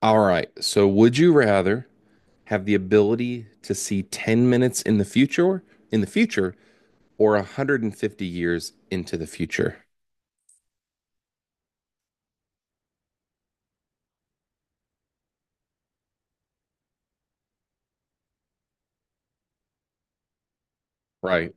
All right. So would you rather have the ability to see 10 minutes in the future in the future or 150 years into the future? Right.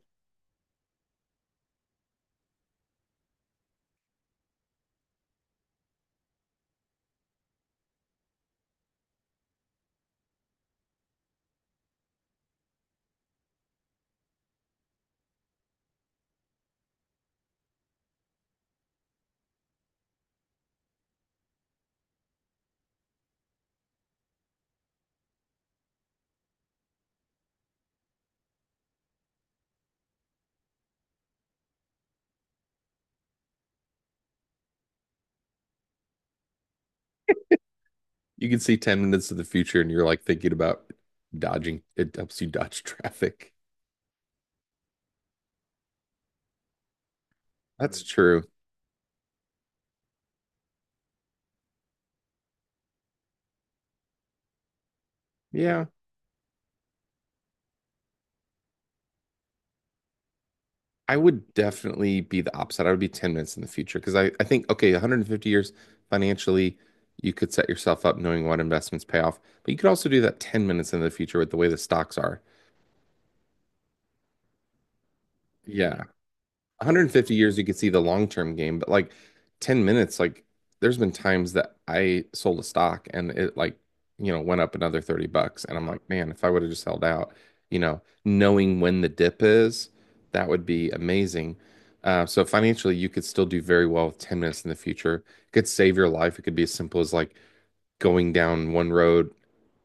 You can see 10 minutes of the future and you're like thinking about dodging. It helps you dodge traffic. That's true. Yeah. I would definitely be the opposite. I would be 10 minutes in the future because I think, okay, 150 years financially, you could set yourself up knowing what investments pay off, but you could also do that 10 minutes in the future with the way the stocks are. Yeah, 150 years, you could see the long term game, but like 10 minutes, like there's been times that I sold a stock and it like, went up another 30 bucks. And I'm like, man, if I would have just held out, knowing when the dip is, that would be amazing. So financially, you could still do very well with 10 minutes in the future. It could save your life. It could be as simple as like going down one road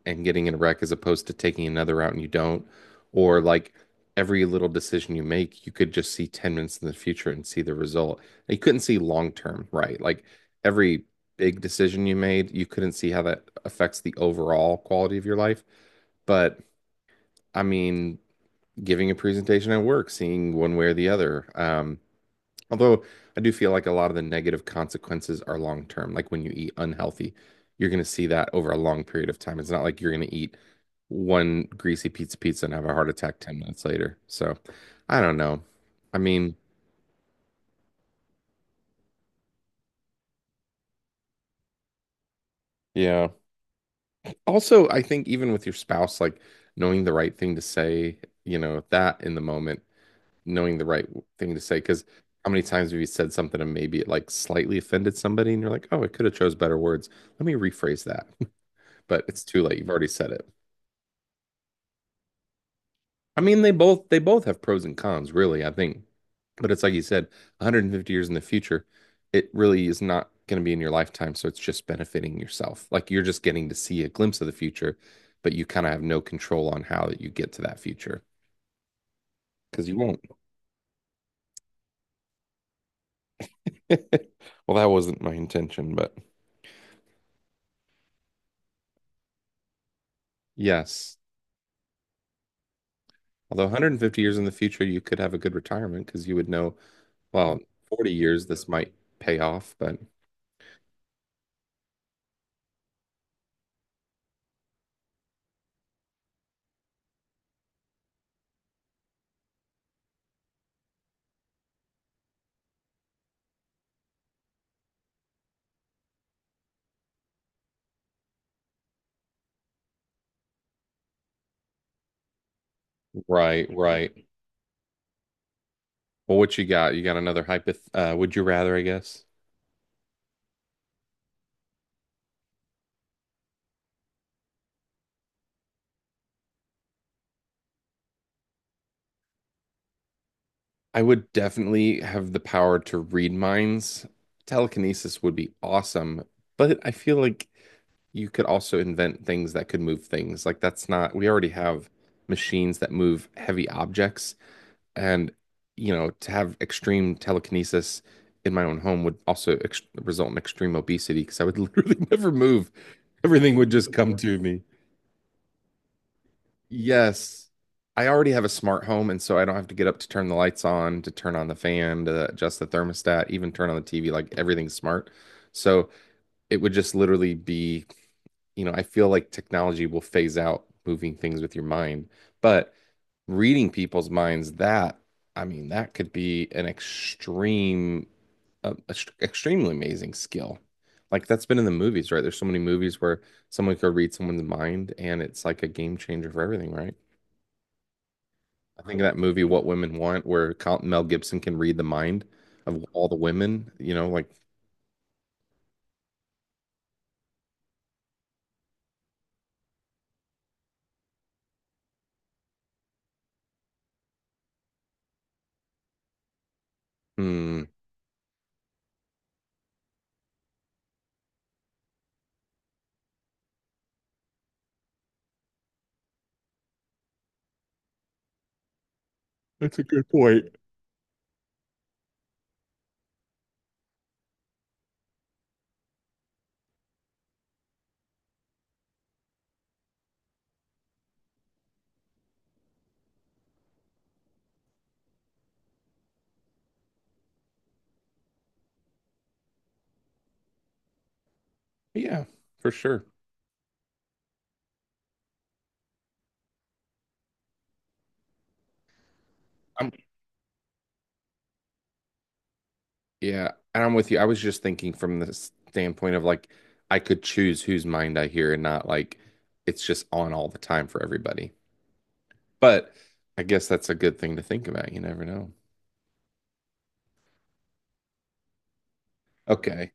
and getting in a wreck as opposed to taking another route and you don't, or like every little decision you make, you could just see 10 minutes in the future and see the result. And you couldn't see long term, right? Like every big decision you made, you couldn't see how that affects the overall quality of your life. But I mean, giving a presentation at work, seeing one way or the other. Although I do feel like a lot of the negative consequences are long term. Like when you eat unhealthy, you're going to see that over a long period of time. It's not like you're going to eat one greasy pizza and have a heart attack 10 minutes later. So I don't know. I mean, yeah. Also, I think even with your spouse, like knowing the right thing to say, that in the moment, knowing the right thing to say, because how many times have you said something and maybe it like slightly offended somebody and you're like, oh, I could have chose better words. Let me rephrase that. But it's too late. You've already said it. I mean, they both have pros and cons, really, I think. But it's like you said, 150 years in the future, it really is not going to be in your lifetime, so it's just benefiting yourself. Like you're just getting to see a glimpse of the future, but you kind of have no control on how you get to that future because you won't. Well, that wasn't my intention, but yes. Although 150 years in the future, you could have a good retirement because you would know, well, 40 years this might pay off, but right, right. Well, what you got? You got another hypoth would you rather, I guess? I would definitely have the power to read minds. Telekinesis would be awesome, but I feel like you could also invent things that could move things. Like that's not, we already have machines that move heavy objects, and you know, to have extreme telekinesis in my own home would also ex result in extreme obesity because I would literally never move. Everything would just come to me. Yes. I already have a smart home, and so I don't have to get up to turn the lights on, to turn on the fan, to adjust the thermostat, even turn on the TV. Like everything's smart. So it would just literally be, you know, I feel like technology will phase out moving things with your mind. But reading people's minds, that, I mean, that could be an extreme, extremely amazing skill. Like that's been in the movies, right? There's so many movies where someone could read someone's mind and it's like a game changer for everything, right? I think of that movie What Women Want, where Mel Gibson can read the mind of all the women, you know, like, hmm. That's a good point. Yeah, for sure. I'm yeah, and I'm with you. I was just thinking from the standpoint of like I could choose whose mind I hear and not like it's just on all the time for everybody. But I guess that's a good thing to think about. You never know. Okay.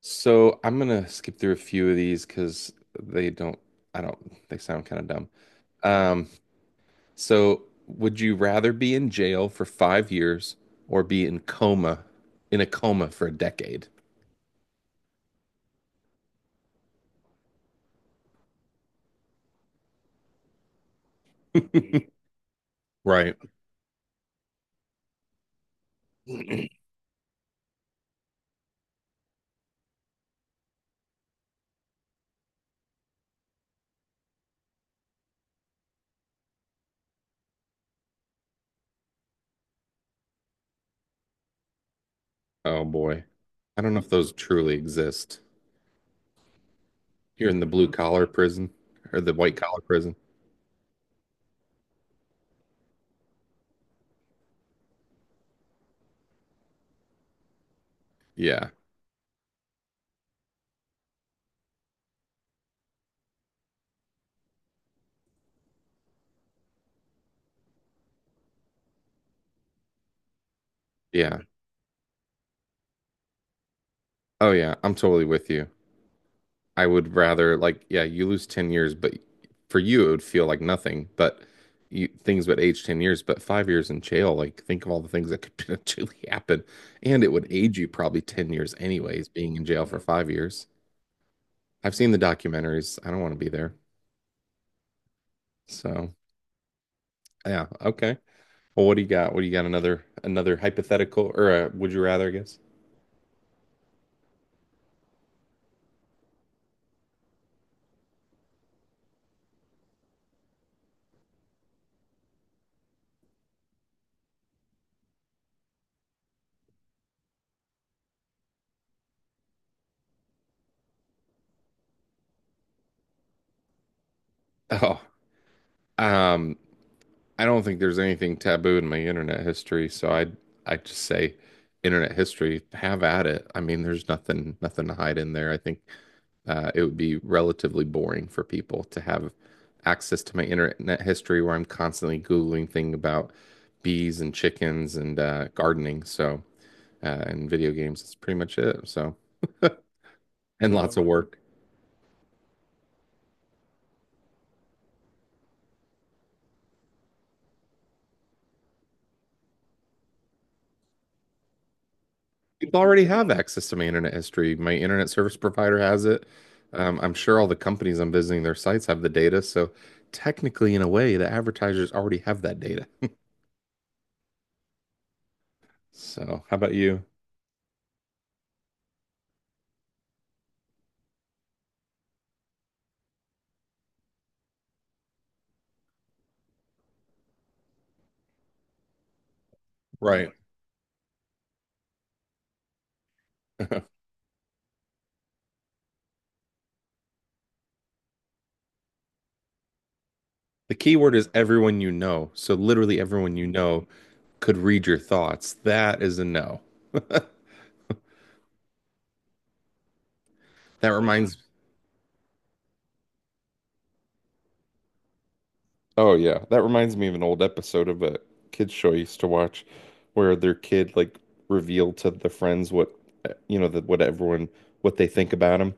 So I'm gonna skip through a few of these because they don't I don't they sound kind of dumb. Um So, would you rather be in jail for 5 years or be in coma, in a coma for a decade? Right. Oh boy. I don't know if those truly exist. You're in the blue collar prison or the white collar prison. Yeah. Yeah. Oh yeah. I'm totally with you. I would rather like yeah, you lose 10 years, but for you it would feel like nothing, but you things would age 10 years, but 5 years in jail, like think of all the things that could potentially happen. And it would age you probably 10 years anyways, being in jail for 5 years. I've seen the documentaries. I don't want to be there. So yeah, okay. Well, what do you got? What do you got? Another another hypothetical or a would you rather, I guess? Oh, um, I don't think there's anything taboo in my internet history, so I just say internet history, have at it. I mean, there's nothing to hide in there. I think it would be relatively boring for people to have access to my internet history where I'm constantly Googling things about bees and chickens and gardening, so and video games. That's pretty much it. So, and well, lots of work. People already have access to my internet history. My internet service provider has it. I'm sure all the companies I'm visiting their sites have the data. So technically, in a way, the advertisers already have that data. So how about you? Right. The keyword is everyone you know. So literally everyone you know could read your thoughts. That is a no. That reminds Oh yeah, that reminds me of an old episode of a kids show I used to watch, where their kid like revealed to the friends what that what everyone what they think about him,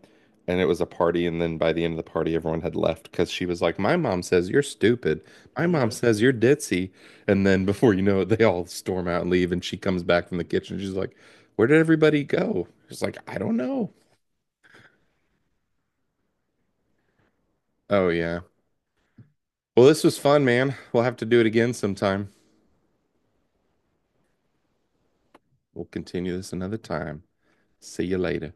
and it was a party, and then by the end of the party, everyone had left because she was like, "My mom says you're stupid. My mom says you're ditzy," and then before you know it, they all storm out and leave, and she comes back from the kitchen. She's like, "Where did everybody go?" She's like, "I don't know." Oh yeah. Well, this was fun, man. We'll have to do it again sometime. We'll continue this another time. See you later.